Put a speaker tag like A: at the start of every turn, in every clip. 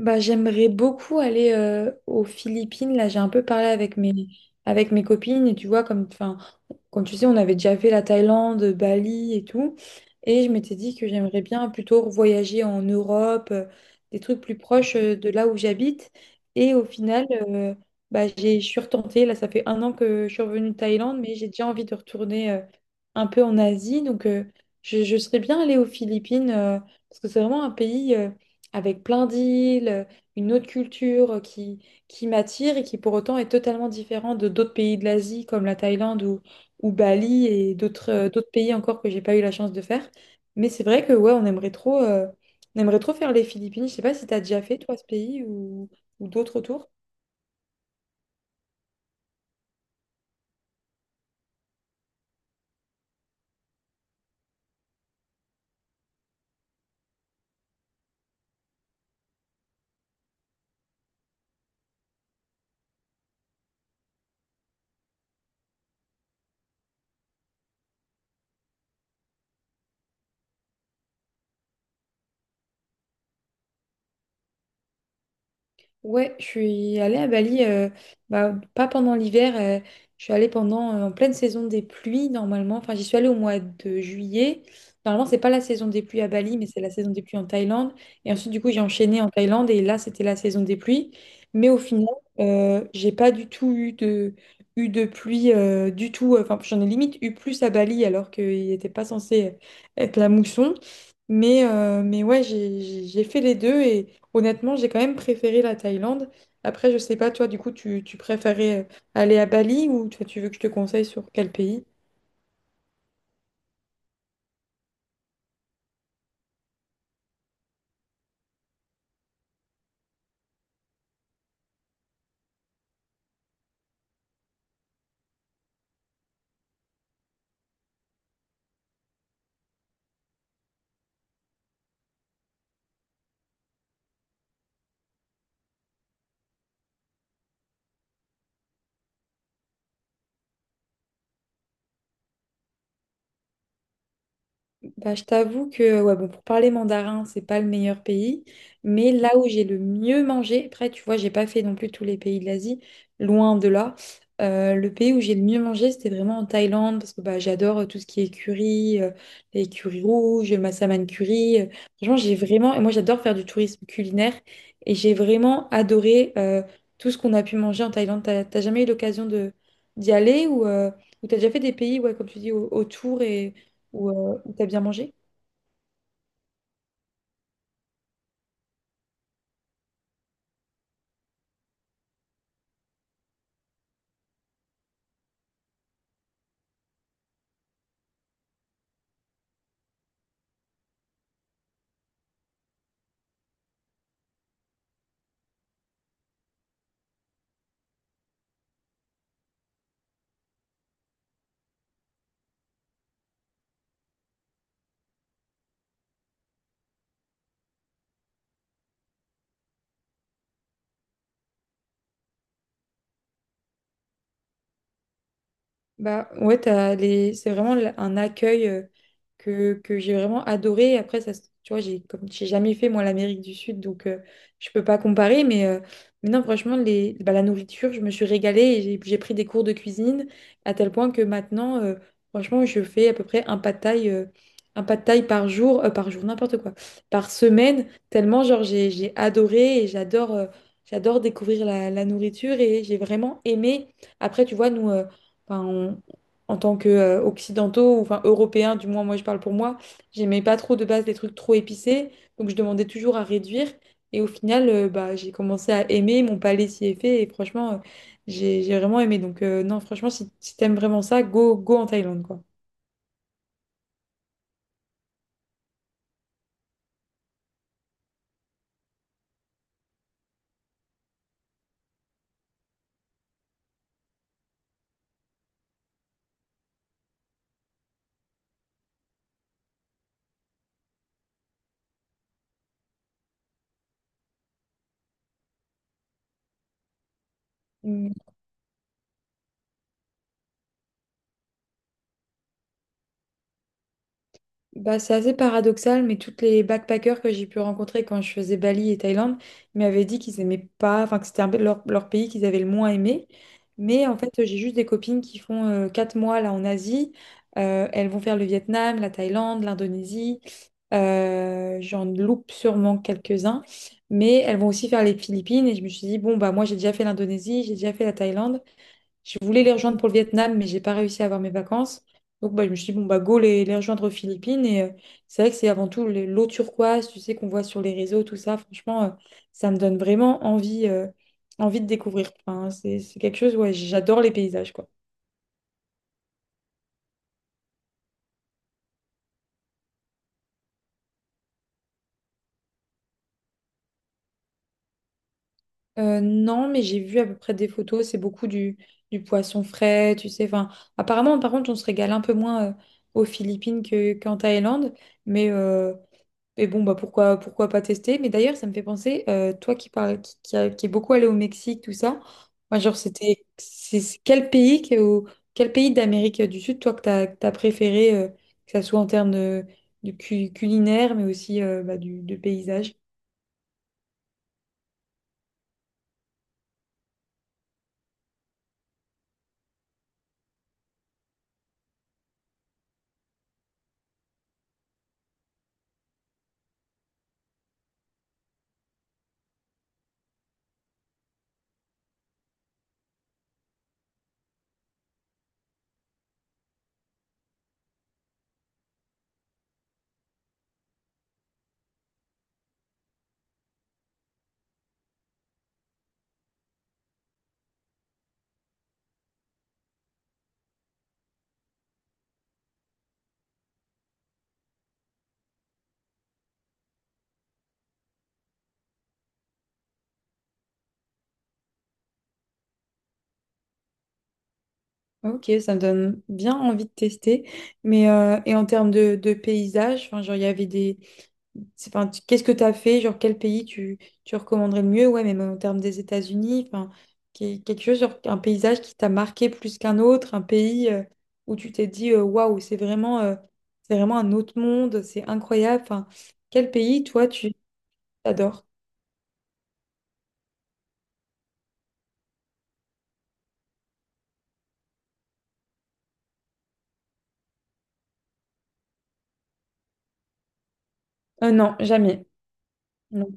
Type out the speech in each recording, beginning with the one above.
A: Bah, j'aimerais beaucoup aller aux Philippines. Là, j'ai un peu parlé avec mes copines. Et tu vois, comme, enfin, comme tu sais, on avait déjà fait la Thaïlande, Bali et tout. Et je m'étais dit que j'aimerais bien plutôt voyager en Europe, des trucs plus proches de là où j'habite. Et au final, bah, je suis retentée. Là, ça fait 1 an que je suis revenue de Thaïlande, mais j'ai déjà envie de retourner un peu en Asie. Donc, je serais bien allée aux Philippines parce que c'est vraiment un pays, avec plein d'îles, une autre culture qui m'attire et qui pour autant est totalement différente de d'autres pays de l'Asie comme la Thaïlande ou Bali et d'autres pays encore que j'ai pas eu la chance de faire. Mais c'est vrai que ouais, on aimerait trop faire les Philippines. Je sais pas si tu as déjà fait toi ce pays ou d'autres autour. Ouais, je suis allée à Bali, bah, pas pendant l'hiver, je suis allée pendant, en pleine saison des pluies normalement. Enfin, j'y suis allée au mois de juillet. Normalement, c'est pas la saison des pluies à Bali, mais c'est la saison des pluies en Thaïlande. Et ensuite, du coup, j'ai enchaîné en Thaïlande et là, c'était la saison des pluies. Mais au final, j'ai pas du tout eu de pluie du tout. Enfin, j'en ai limite eu plus à Bali alors qu'il n'était pas censé être la mousson. Mais ouais, j'ai fait les deux. Honnêtement, j'ai quand même préféré la Thaïlande. Après, je sais pas, toi, du coup, tu préférais aller à Bali ou toi, tu veux que je te conseille sur quel pays? Bah, je t'avoue que ouais, bon, pour parler mandarin, c'est pas le meilleur pays, mais là où j'ai le mieux mangé, après, tu vois, j'ai pas fait non plus tous les pays de l'Asie, loin de là. Le pays où j'ai le mieux mangé, c'était vraiment en Thaïlande, parce que bah, j'adore tout ce qui est curry, les currys rouges, le massaman curry. Franchement, j'ai vraiment, et moi j'adore faire du tourisme culinaire, et j'ai vraiment adoré tout ce qu'on a pu manger en Thaïlande. T'as jamais eu l'occasion de d'y aller ou t'as déjà fait des pays, ouais, comme tu dis, autour et où tu as bien mangé? Bah ouais, t'as les... c'est vraiment un accueil que j'ai vraiment adoré. Après, ça, tu vois, j'ai comme j'ai jamais fait moi l'Amérique du Sud, donc je peux pas comparer. Mais non, franchement, les... bah, la nourriture, je me suis régalée et j'ai pris des cours de cuisine à tel point que maintenant, franchement, je fais à peu près un pad thaï par jour, n'importe quoi, par semaine, tellement genre j'ai adoré et j'adore découvrir la nourriture et j'ai vraiment aimé. Après, tu vois, nous. Enfin, en tant que occidentaux, ou, enfin européens, du moins moi je parle pour moi, j'aimais pas trop de base des trucs trop épicés, donc je demandais toujours à réduire. Et au final, bah, j'ai commencé à aimer, mon palais s'y est fait, et franchement, j'ai vraiment aimé. Donc non, franchement, si t'aimes vraiment ça, go, go en Thaïlande, quoi. Mm. Bah, c'est assez paradoxal, mais toutes les backpackers que j'ai pu rencontrer quand je faisais Bali et Thaïlande, ils m'avaient dit qu'ils aimaient pas, enfin que c'était un peu leur pays qu'ils avaient le moins aimé. Mais en fait, j'ai juste des copines qui font 4 mois là en Asie. Elles vont faire le Vietnam, la Thaïlande, l'Indonésie. J'en loupe sûrement quelques-uns. Mais elles vont aussi faire les Philippines. Et je me suis dit, bon, bah moi j'ai déjà fait l'Indonésie, j'ai déjà fait la Thaïlande. Je voulais les rejoindre pour le Vietnam, mais j'ai pas réussi à avoir mes vacances. Donc bah, je me suis dit, bon, bah, go les rejoindre aux Philippines. Et c'est vrai que c'est avant tout l'eau turquoise, tu sais, qu'on voit sur les réseaux, tout ça. Franchement, ça me donne vraiment envie, envie de découvrir. Enfin, c'est quelque chose, ouais, j'adore les paysages, quoi. Non, mais j'ai vu à peu près des photos, c'est beaucoup du poisson frais, tu sais. Enfin, apparemment, par contre, on se régale un peu moins aux Philippines qu'en Thaïlande. Mais euh, Mais bon, bah pourquoi pas tester? Mais d'ailleurs, ça me fait penser, toi qui parles, qui est beaucoup allé au Mexique, tout ça, moi, genre, c'était, c'est quel pays, ou quel pays d'Amérique du Sud, toi, que t'as préféré, que ça soit en termes de, culinaire, mais aussi bah, de paysage? Ok, ça me donne bien envie de tester. Mais, et en termes de paysage, enfin, genre, il y avait des, c'est, enfin, qu'est-ce que tu as fait? Genre, quel pays tu recommanderais le mieux? Ouais, même en termes des États-Unis, enfin, quelque chose, genre, un paysage qui t'a marqué plus qu'un autre, un pays où tu t'es dit, waouh, c'est vraiment un autre monde, c'est incroyable. Enfin, quel pays, toi, tu adores? Non, jamais. Non.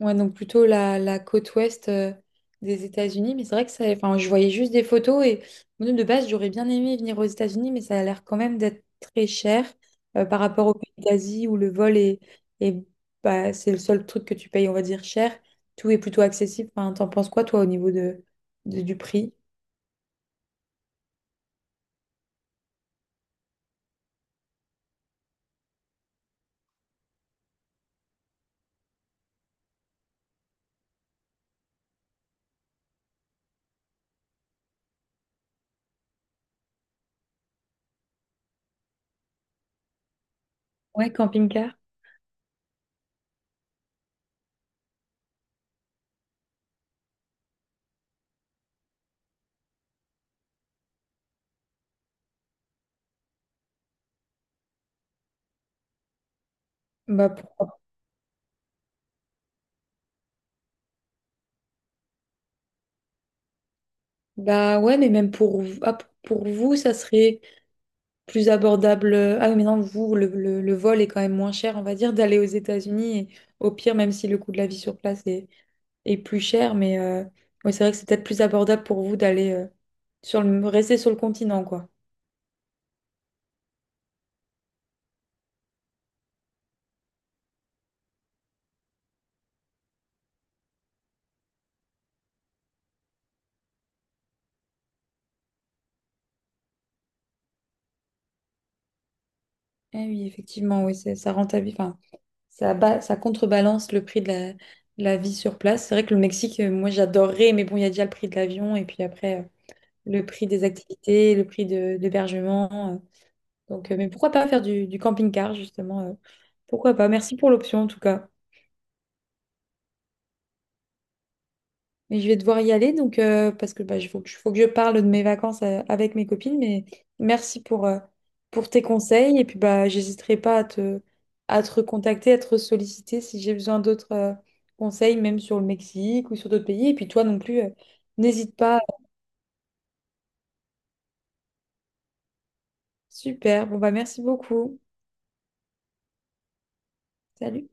A: Ouais, donc plutôt la côte ouest des États-Unis. Mais c'est vrai que ça, enfin, je voyais juste des photos et moi, de base, j'aurais bien aimé venir aux États-Unis, mais ça a l'air quand même d'être très cher par rapport aux pays d'Asie où le vol est bah, c'est le seul truc que tu payes, on va dire, cher. Tout est plutôt accessible. Enfin, t'en penses quoi, toi, au niveau du prix? Ouais, camping-car. Bah, bah ouais, mais même pour vous, ça serait plus abordable. Ah oui, mais non, vous, le vol est quand même moins cher, on va dire, d'aller aux États-Unis. Et au pire, même si le coût de la vie sur place est plus cher, mais ouais, c'est vrai que c'est peut-être plus abordable pour vous d'aller rester sur le continent, quoi. Eh oui, effectivement, oui, ça rentabilise, enfin, ça contrebalance le prix de la vie sur place. C'est vrai que le Mexique, moi, j'adorerais, mais bon, il y a déjà le prix de l'avion et puis après, le prix des activités, le prix de l'hébergement. Donc, mais pourquoi pas faire du camping-car, justement, pourquoi pas? Merci pour l'option, en tout cas. Mais je vais devoir y aller, donc, parce que bah, il faut que je parle de mes vacances avec mes copines, mais merci pour tes conseils, et puis bah, j'hésiterai pas à te, à te recontacter, à te solliciter si j'ai besoin d'autres conseils, même sur le Mexique ou sur d'autres pays, et puis toi non plus, n'hésite pas. Super, bon bah merci beaucoup. Salut.